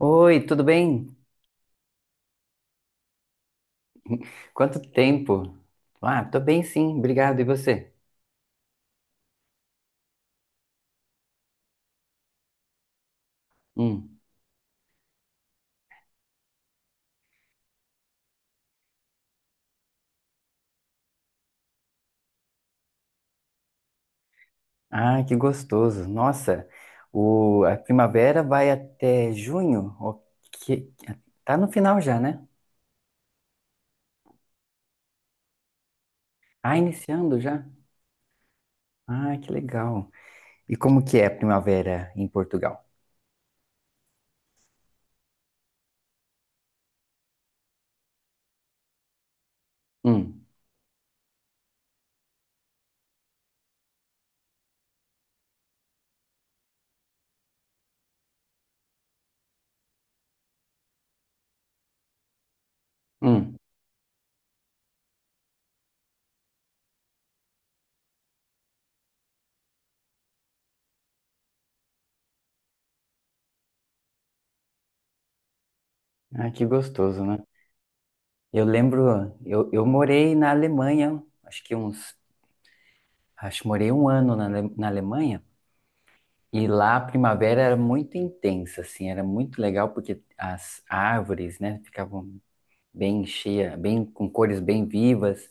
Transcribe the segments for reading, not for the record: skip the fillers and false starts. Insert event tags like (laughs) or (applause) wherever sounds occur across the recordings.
Oi, tudo bem? Quanto tempo? Ah, tô bem sim, obrigado. E você? Hum. Ah, que gostoso. Nossa, a primavera vai até junho? Que- tá no final já, né? Ah, iniciando já? Ah, que legal. E como que é a primavera em Portugal? Hum, hum. Ah, que gostoso, né? Eu lembro, eu morei na Alemanha, acho que uns, acho que morei um ano na na Alemanha. E lá a primavera era muito intensa, assim, era muito legal porque as árvores, né, ficavam bem cheias, bem com cores bem vivas,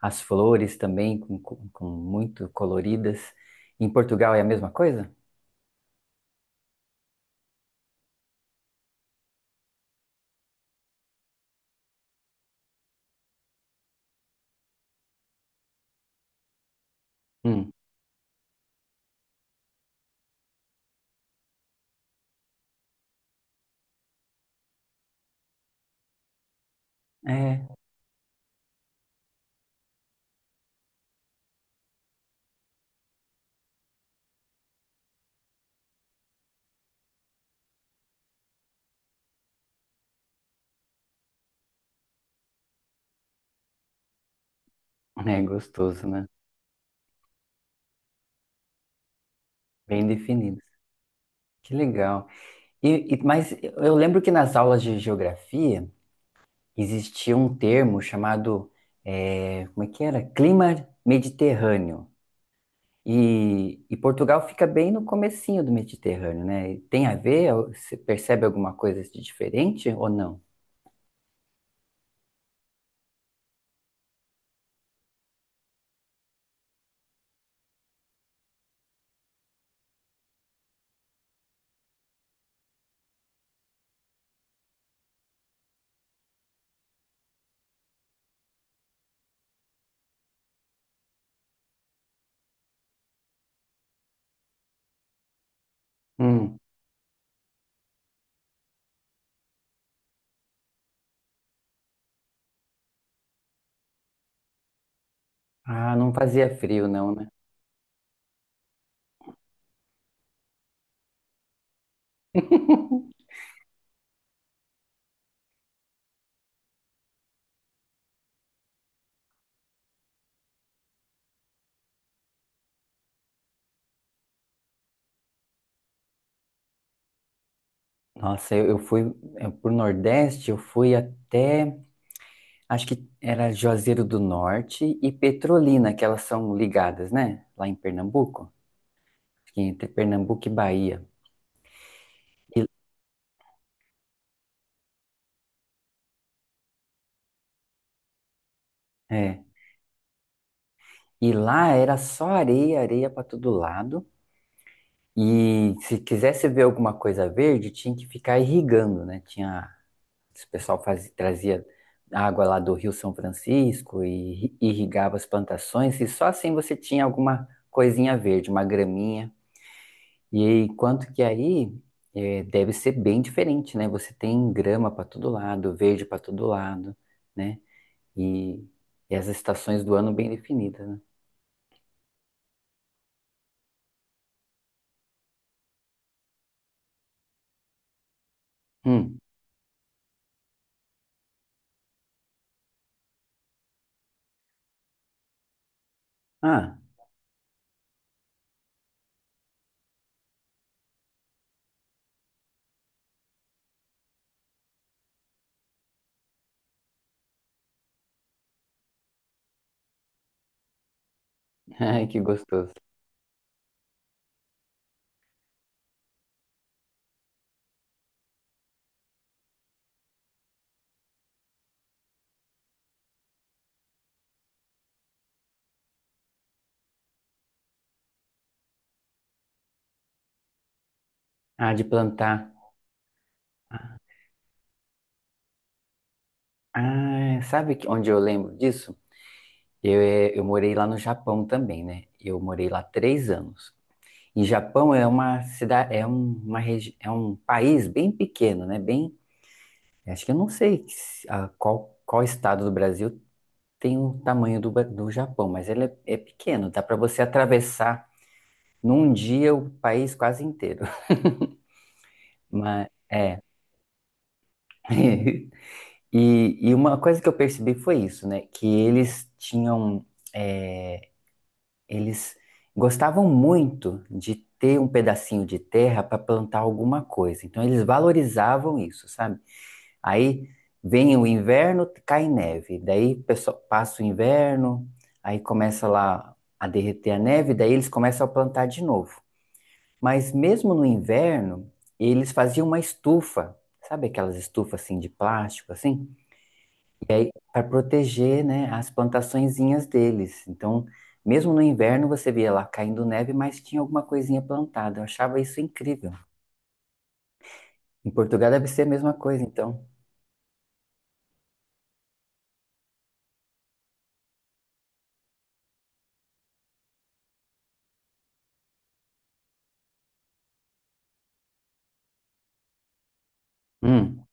as flores também com muito coloridas. Em Portugal é a mesma coisa? Hum, é, é gostoso, né? Bem definido. Que legal. Mas eu lembro que nas aulas de geografia existia um termo chamado, como é que era? Clima Mediterrâneo. E Portugal fica bem no comecinho do Mediterrâneo, né? E tem a ver? Você percebe alguma coisa de diferente ou não? Hum. Ah, não fazia frio não, né? (laughs) Nossa, eu pro Nordeste, eu fui até, acho que era Juazeiro do Norte e Petrolina, que elas são ligadas, né? Lá em Pernambuco, acho que entre Pernambuco e Bahia. E, é, e lá era só areia, areia para todo lado. E se quisesse ver alguma coisa verde, tinha que ficar irrigando, né? Tinha, o pessoal fazia, trazia água lá do Rio São Francisco e irrigava as plantações, e só assim você tinha alguma coisinha verde, uma graminha. E aí, enquanto que aí deve ser bem diferente, né? Você tem grama para todo lado, verde para todo lado, né? E, e as estações do ano bem definidas, né? Hum. Ah, (laughs) ai, que gostoso. Ah, de plantar. Ah, sabe onde eu lembro disso? Eu morei lá no Japão também, né? Eu morei lá 3 anos. E Japão é uma cidade, é uma é um país bem pequeno, né? Bem, acho que eu não sei a qual, qual estado do Brasil tem o tamanho do, do Japão, mas ele é, é pequeno. Dá para você atravessar num dia o país quase inteiro. (laughs) Mas é. (laughs) E, e uma coisa que eu percebi foi isso, né? Que eles tinham eh, Eles gostavam muito de ter um pedacinho de terra para plantar alguma coisa. Então eles valorizavam isso, sabe? Aí vem o inverno, cai neve. Daí pessoal, passa o inverno, aí começa lá a derreter a neve, daí eles começam a plantar de novo. Mas mesmo no inverno, eles faziam uma estufa, sabe aquelas estufas assim de plástico assim? Para proteger, né, as plantaçõezinhas deles. Então, mesmo no inverno você via lá caindo neve, mas tinha alguma coisinha plantada. Eu achava isso incrível. Em Portugal deve ser a mesma coisa, então. Hum.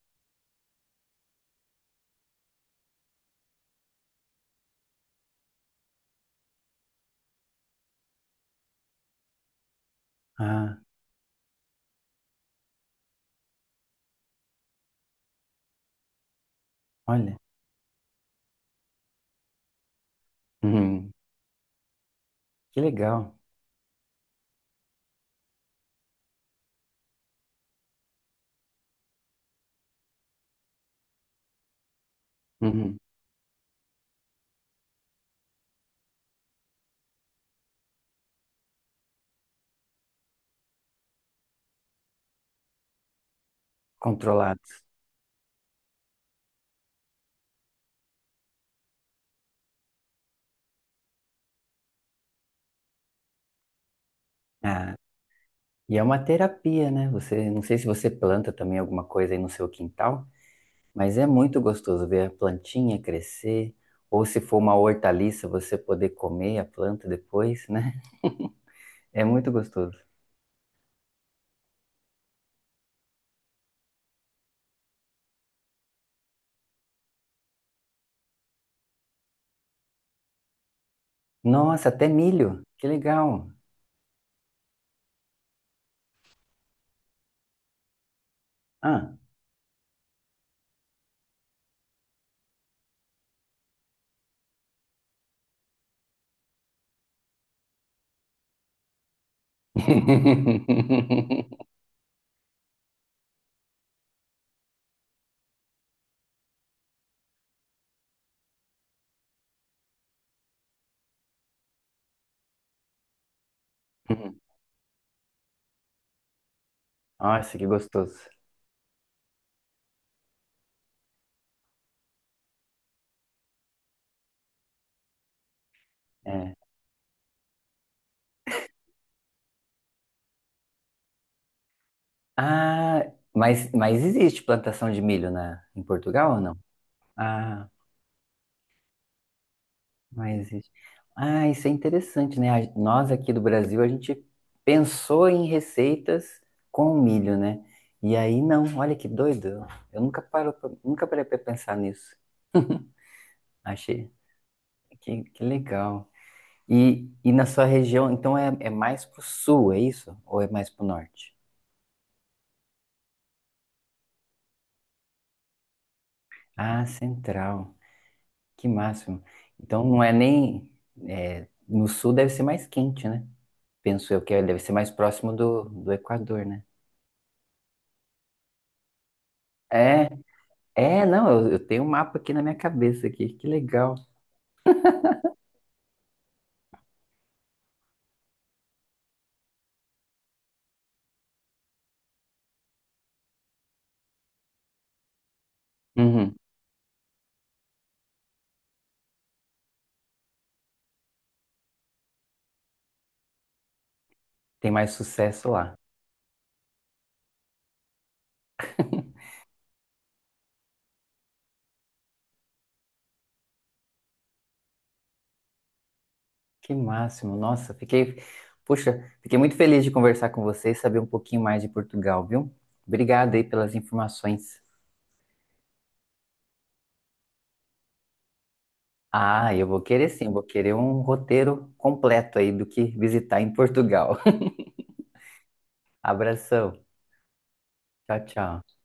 Ah, olha. Hum. Que legal. Uhum. Controlados. Ah, e é uma terapia, né? Você, não sei se você planta também alguma coisa aí no seu quintal, mas é muito gostoso ver a plantinha crescer, ou se for uma hortaliça, você poder comer a planta depois, né? É muito gostoso. Nossa, até milho. Que legal. Ah. (laughs) Nossa, que gostoso. É. Ah, mas existe plantação de milho na, em Portugal ou não? Ah, mas existe. Ah, isso é interessante, né? A- Nós aqui do Brasil, a gente pensou em receitas com milho, né? E aí, não, olha que doido. Eu nunca paro, nunca parei para pensar nisso. Achei. Que legal. E na sua região, então é, é mais pro sul, é isso? Ou é mais pro norte? Ah, central. Que máximo. Então não é nem. É, no sul deve ser mais quente, né? Penso eu que é, deve ser mais próximo do, do Equador, né? É, é, não, eu tenho um mapa aqui na minha cabeça aqui. Que legal. Uhum, tem mais sucesso lá. (laughs) Que máximo. Nossa, fiquei. Puxa, fiquei muito feliz de conversar com você e saber um pouquinho mais de Portugal, viu? Obrigado aí pelas informações. Ah, eu vou querer sim, vou querer um roteiro completo aí do que visitar em Portugal. (laughs) Abração. Tchau, tchau.